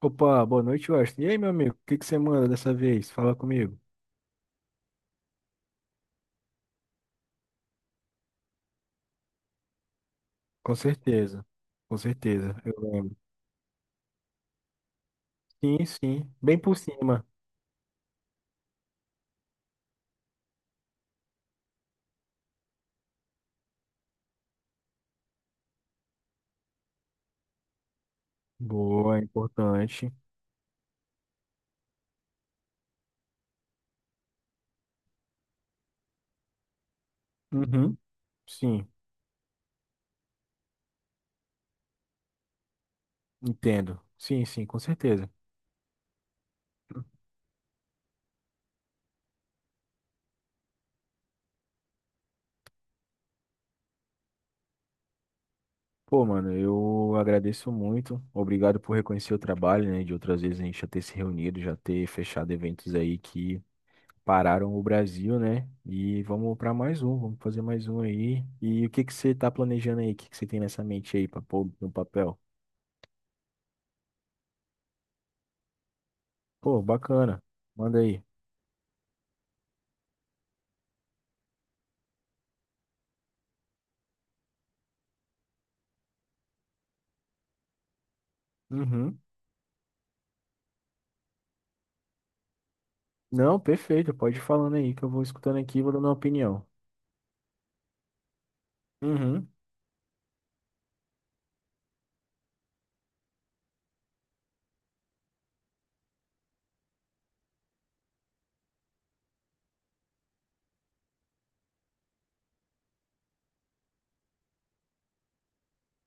Opa, boa noite, Washington. E aí, meu amigo, o que que você manda dessa vez? Fala comigo. Com certeza, com certeza, eu lembro. Sim, sim, bem por cima. Boa, importante. Uhum, sim, entendo. Sim, sim, com certeza. Pô, mano, eu agradeço muito. Obrigado por reconhecer o trabalho, né? De outras vezes a gente já ter se reunido, já ter fechado eventos aí que pararam o Brasil, né? E vamos para mais um, vamos fazer mais um aí. E o que que você tá planejando aí? O que que você tem nessa mente aí para pôr no papel? Pô, bacana. Manda aí. Uhum. Não, perfeito. Pode ir falando aí que eu vou escutando aqui e vou dando uma opinião. Uhum.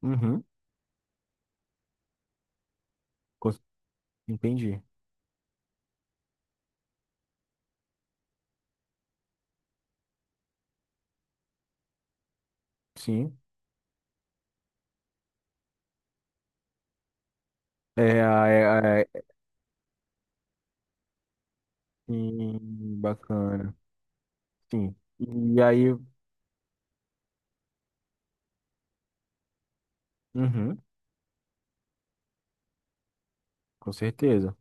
Uhum. Cons- Entendi. Sim. É, é, é, sim, bacana. Sim. E aí, uhum, com certeza.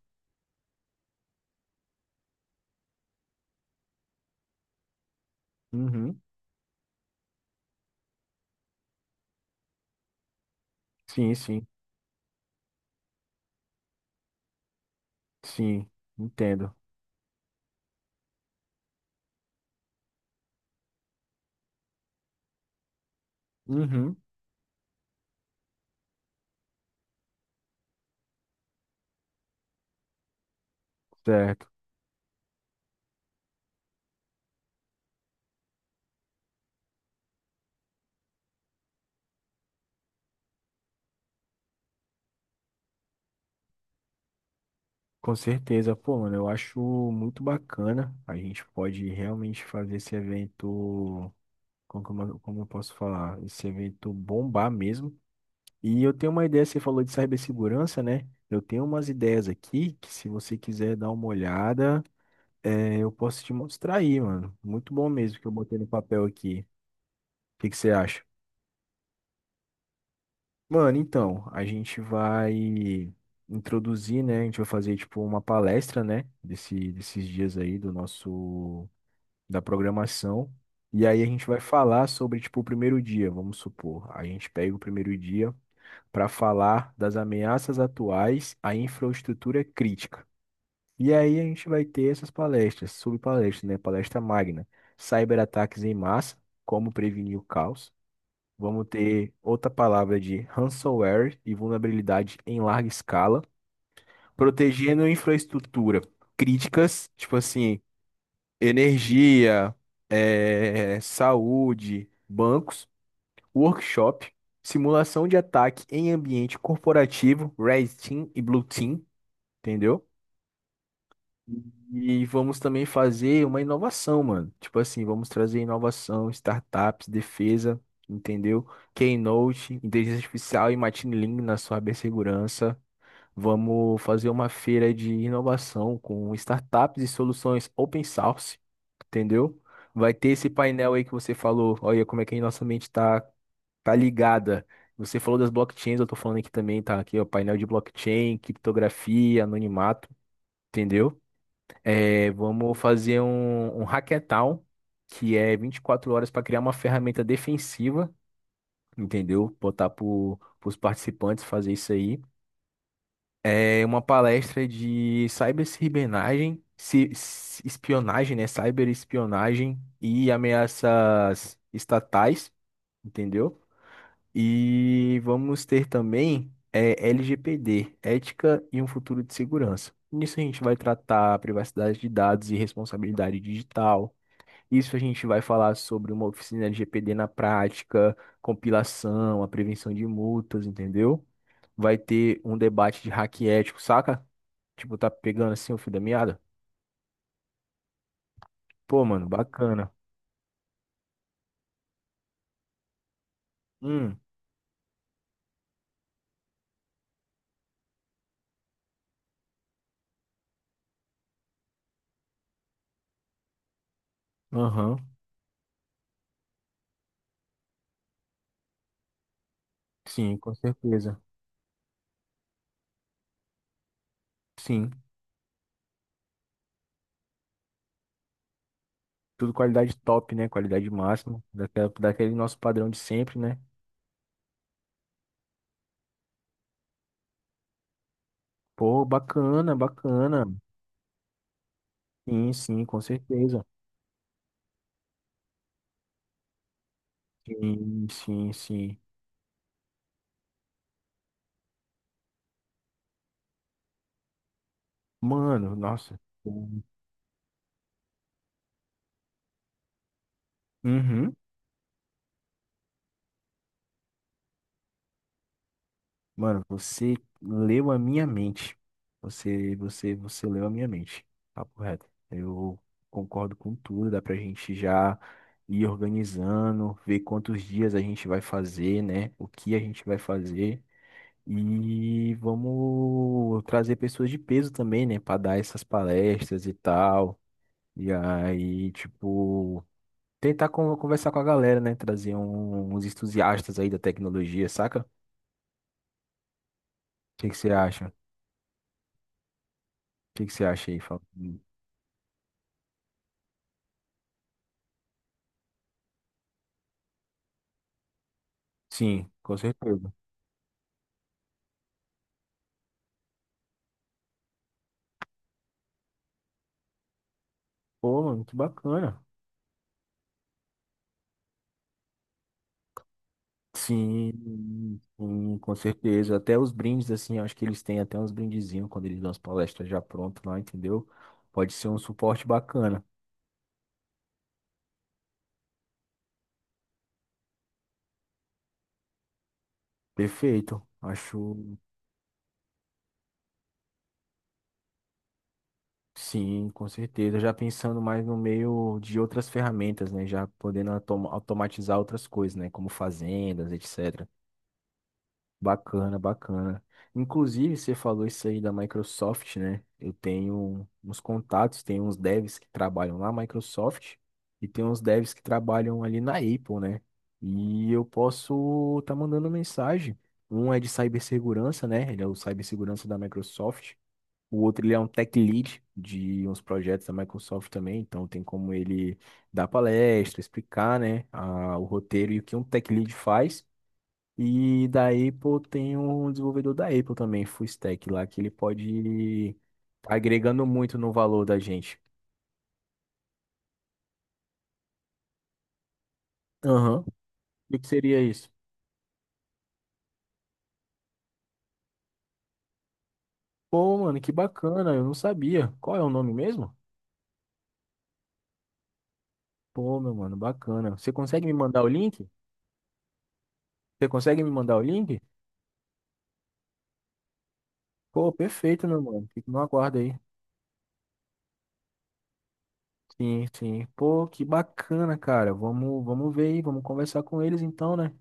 Uhum. Sim, sim. Sim, entendo. Uhum. Certo. Com certeza, pô, mano, eu acho muito bacana. A gente pode realmente fazer esse evento, como, como eu posso falar, esse evento bombar mesmo. E eu tenho uma ideia, você falou de cibersegurança, né? Eu tenho umas ideias aqui que se você quiser dar uma olhada, eu posso te mostrar aí, mano. Muito bom mesmo que eu botei no papel aqui. O que que você acha? Mano, então, a gente vai introduzir, né? A gente vai fazer tipo uma palestra, né? Desses dias aí do nosso da programação. E aí a gente vai falar sobre, tipo, o primeiro dia, vamos supor. A gente pega o primeiro dia para falar das ameaças atuais à infraestrutura crítica. E aí a gente vai ter essas palestras, subpalestras, né? Palestra magna, cyberataques em massa, como prevenir o caos. Vamos ter outra palavra de ransomware e vulnerabilidade em larga escala, protegendo infraestrutura críticas, tipo assim, energia, saúde, bancos, workshop, simulação de ataque em ambiente corporativo, Red Team e Blue Team, entendeu? E vamos também fazer uma inovação, mano. Tipo assim, vamos trazer inovação, startups, defesa, entendeu? Keynote, inteligência artificial e machine learning na sua cibersegurança. Vamos fazer uma feira de inovação com startups e soluções open source, entendeu? Vai ter esse painel aí que você falou. Olha como é que a nossa mente tá, tá ligada. Você falou das blockchains, eu tô falando aqui também, tá? Aqui, ó, painel de blockchain, criptografia, anonimato, entendeu? É, vamos fazer um hackathon, que é 24 horas para criar uma ferramenta defensiva, entendeu? Botar para os participantes fazer isso aí. É uma palestra de ciberespionagem, espionagem, né? Cyberespionagem e ameaças estatais, entendeu? E vamos ter também é, LGPD, ética e um futuro de segurança. Nisso a gente vai tratar privacidade de dados e responsabilidade digital. Isso a gente vai falar sobre uma oficina de LGPD na prática, compilação, a prevenção de multas, entendeu? Vai ter um debate de hack ético, saca? Tipo, tá pegando assim o fio da meada? Pô, mano, bacana. Hum, aham. Sim, com certeza. Sim. Tudo qualidade top, né? Qualidade máxima. Daquela, daquele nosso padrão de sempre, né? Pô, bacana, bacana. Sim, sim, com certeza. Sim, sim, sim. Mano, nossa. Uhum. Mano, você leu a minha mente. Você leu a minha mente. Papo reto. Eu concordo com tudo. Dá pra gente já ir organizando, ver quantos dias a gente vai fazer, né? O que a gente vai fazer. E vamos trazer pessoas de peso também, né? Pra dar essas palestras e tal. E aí, tipo, tentar conversar com a galera, né? Trazer uns entusiastas aí da tecnologia, saca? O que que você acha? Que você acha aí, Fábio? Sim, com certeza. Pô, mano, que bacana. Sim, sim, com certeza. Até os brindes, assim, acho que eles têm até uns brindezinhos quando eles dão as palestras já pronto lá, entendeu? Pode ser um suporte bacana. Perfeito. Acho, sim, com certeza. Já pensando mais no meio de outras ferramentas, né? Já podendo automatizar outras coisas, né? Como fazendas, etc. Bacana, bacana. Inclusive, você falou isso aí da Microsoft, né? Eu tenho uns contatos, tem uns devs que trabalham na Microsoft e tem uns devs que trabalham ali na Apple, né? E eu posso estar mandando mensagem. Um é de cibersegurança, né? Ele é o cibersegurança da Microsoft. O outro, ele é um tech lead de uns projetos da Microsoft também. Então, tem como ele dar palestra, explicar, né, o roteiro e o que um tech lead faz. E da Apple tem um desenvolvedor da Apple também, full stack lá, que ele pode ir agregando muito no valor da gente. Aham. E o que seria isso? Pô, mano, que bacana, eu não sabia. Qual é o nome mesmo? Pô, meu mano, bacana. Você consegue me mandar o link? Você consegue me mandar o link? Pô, perfeito, meu mano. Fico no aguardo aí. Sim, sim. Pô, que bacana, cara. Vamos, vamos ver aí, vamos conversar com eles então, né?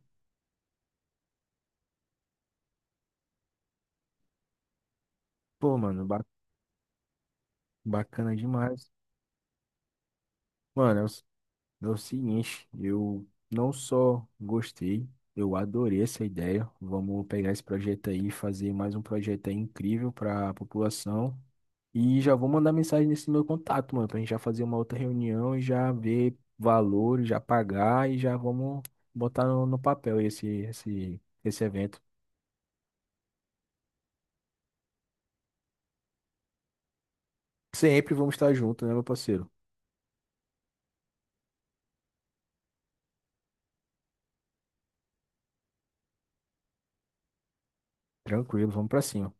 Pô, mano, bacana demais. Mano, eu É o seguinte, eu não só gostei, eu adorei essa ideia. Vamos pegar esse projeto aí e fazer mais um projeto aí incrível para a população. E já vou mandar mensagem nesse meu contato, mano, pra gente já fazer uma outra reunião e já ver valores, já pagar e já vamos botar no papel esse evento. Sempre vamos estar juntos, né, meu parceiro? Tranquilo, vamos pra cima.